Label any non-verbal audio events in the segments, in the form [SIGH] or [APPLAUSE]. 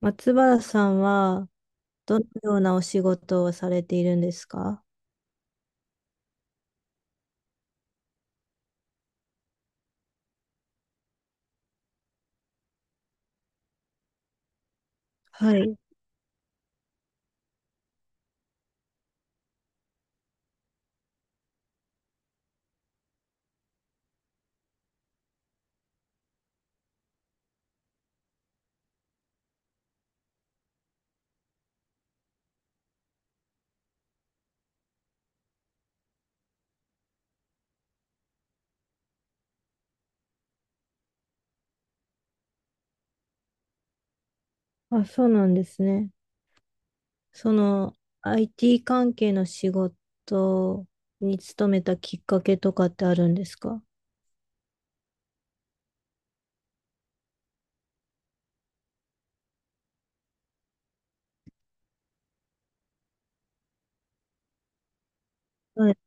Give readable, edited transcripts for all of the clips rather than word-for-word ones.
松原さんはどのようなお仕事をされているんですか？はい。あ、そうなんですね。その IT 関係の仕事に勤めたきっかけとかってあるんですか？はい。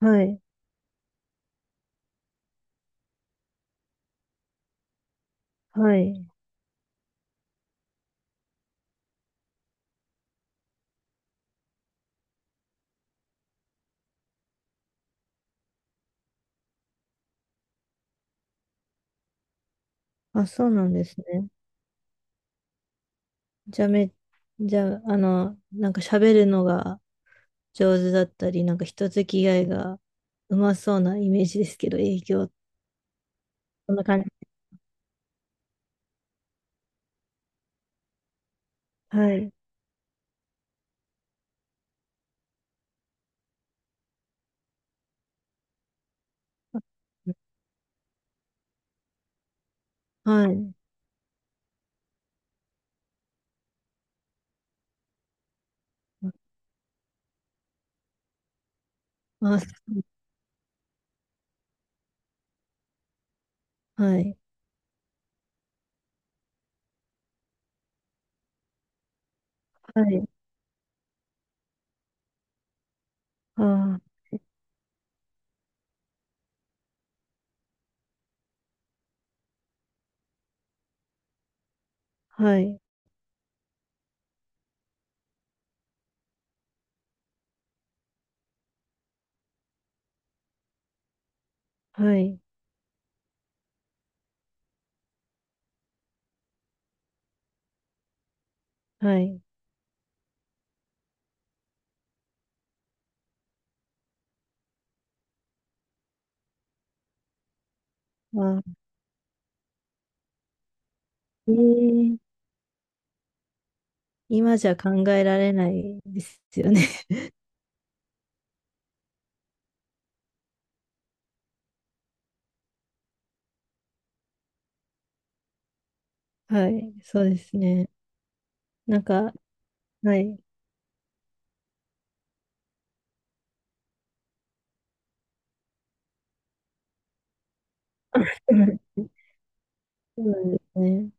はい。はい。あ、そうなんですね。じゃあめ、じゃあ、なんか喋るのが上手だったり、なんか人付き合いがうまそうなイメージですけど、営業、そんな感じ。はい。はい。あ、そうはい。はい。ああ、はい。はい。はい。ああ、ええ、今じゃ考えられないですよね。[LAUGHS] はい。そうですね。なんか、はい。[LAUGHS] うん。そうなんですね。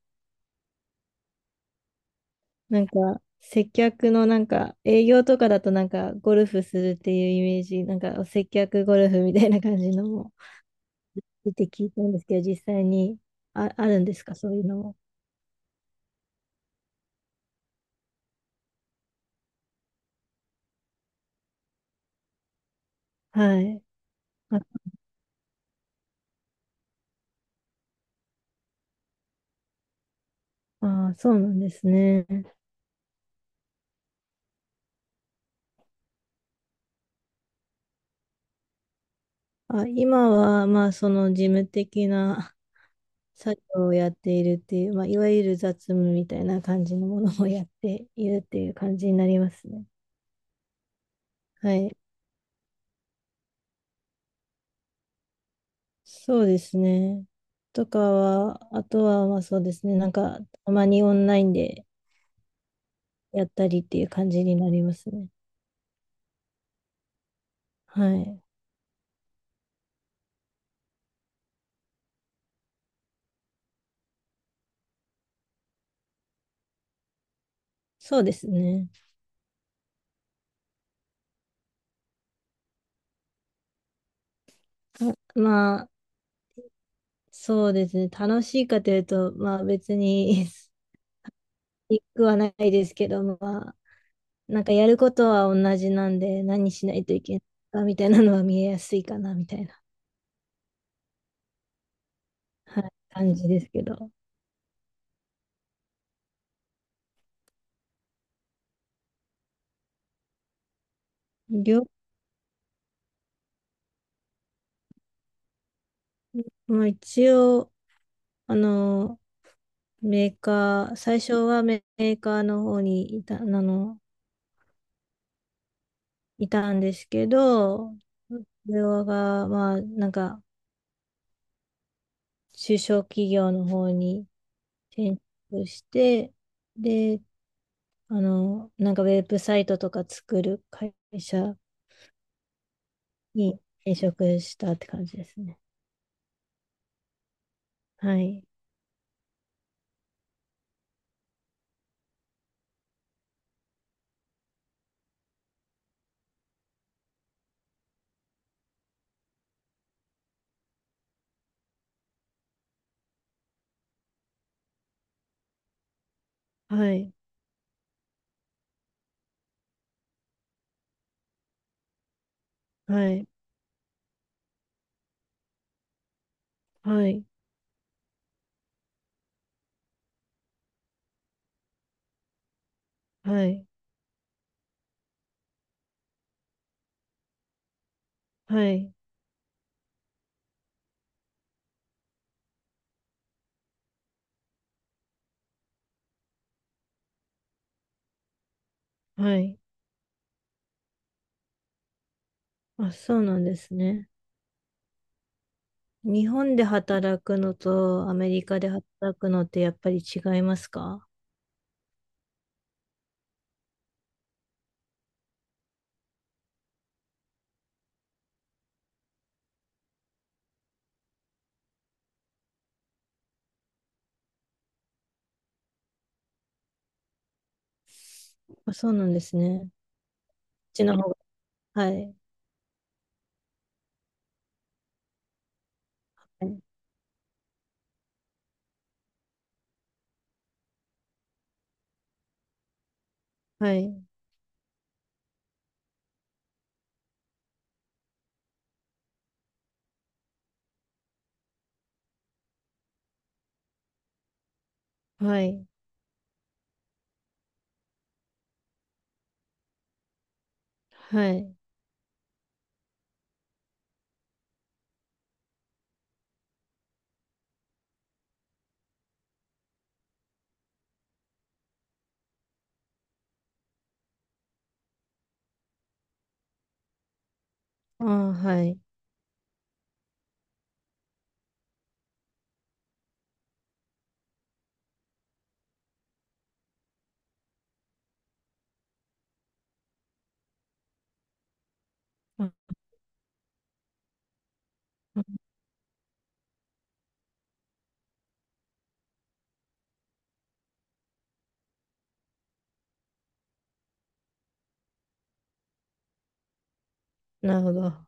なんか、接客のなんか、営業とかだとなんか、ゴルフするっていうイメージ、なんか、接客ゴルフみたいな感じのも出て聞いたんですけど、実際にあ、あるんですか、そういうのも。はい。あ、ああ、そうなんですね。あ、今は、まあ、その事務的な作業をやっているっていう、まあ、いわゆる雑務みたいな感じのものをやっているっていう感じになりますね。はい。そうですね。とかは、あとは、まあ、そうですね。なんか、たまにオンラインでやったりっていう感じになりますね。はい。そうですね。あ、まあ、そうですね。楽しいかというと、まあ別に [LAUGHS] いくはないですけど、まあ、なんかやることは同じなんで、何しないといけないかみたいなのは見えやすいかな、みたいな、はい、感じですけど。りょまあ、一応、あの、メーカー、最初はメーカーの方にいたんですけど、それが、まあ、なんか、中小企業の方に転職して、で、なんかウェブサイトとか作る会社に転職したって感じですね。はい、はい、はい、はい、はい、はい、はい。あ、そうなんですね。日本で働くのとアメリカで働くのってやっぱり違いますか？あ、そうなんですね。こっちの方が。はい、はい、はい、はい。ああ、はい。あ、なるほど。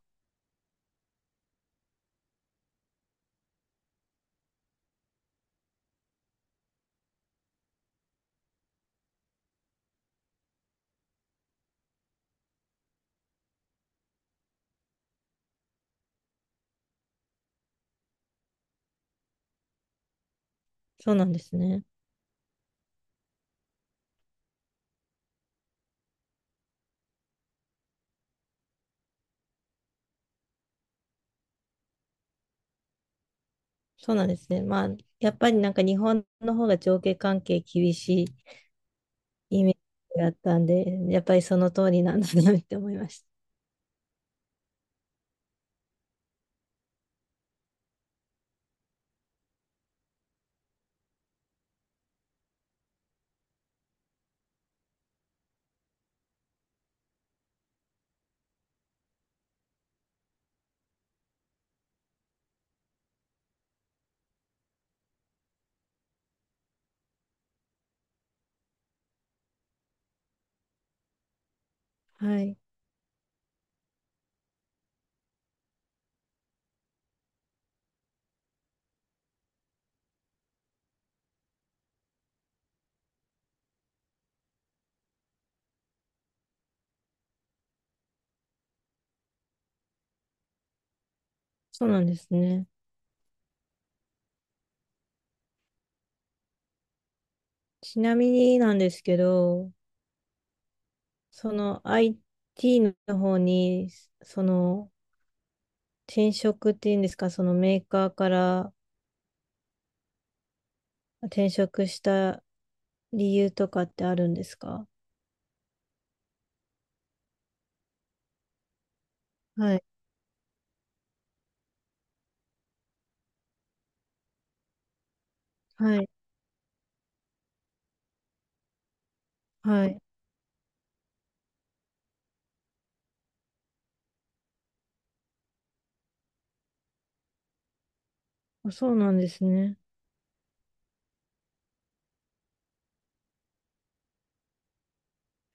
そうなんですね。そうなんですね。まあ、やっぱりなんか日本の方が上下関係厳しいイメージがあったんで、やっぱりその通りなんだなって思いました。はい。そうなんですね。ちなみになんですけど、その IT の方に、その転職っていうんですか、そのメーカーから転職した理由とかってあるんですか？はい、はい、はい。あ、そうなんですね。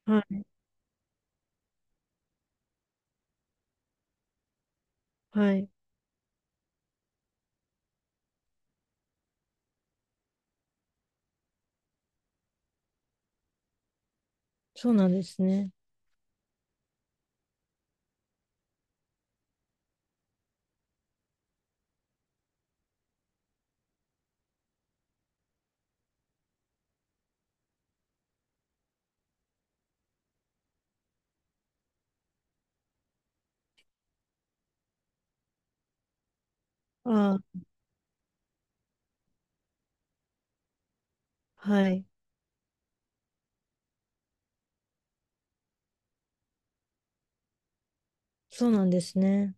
はい、はい。そうなんですね。あ、はい。そうなんですね。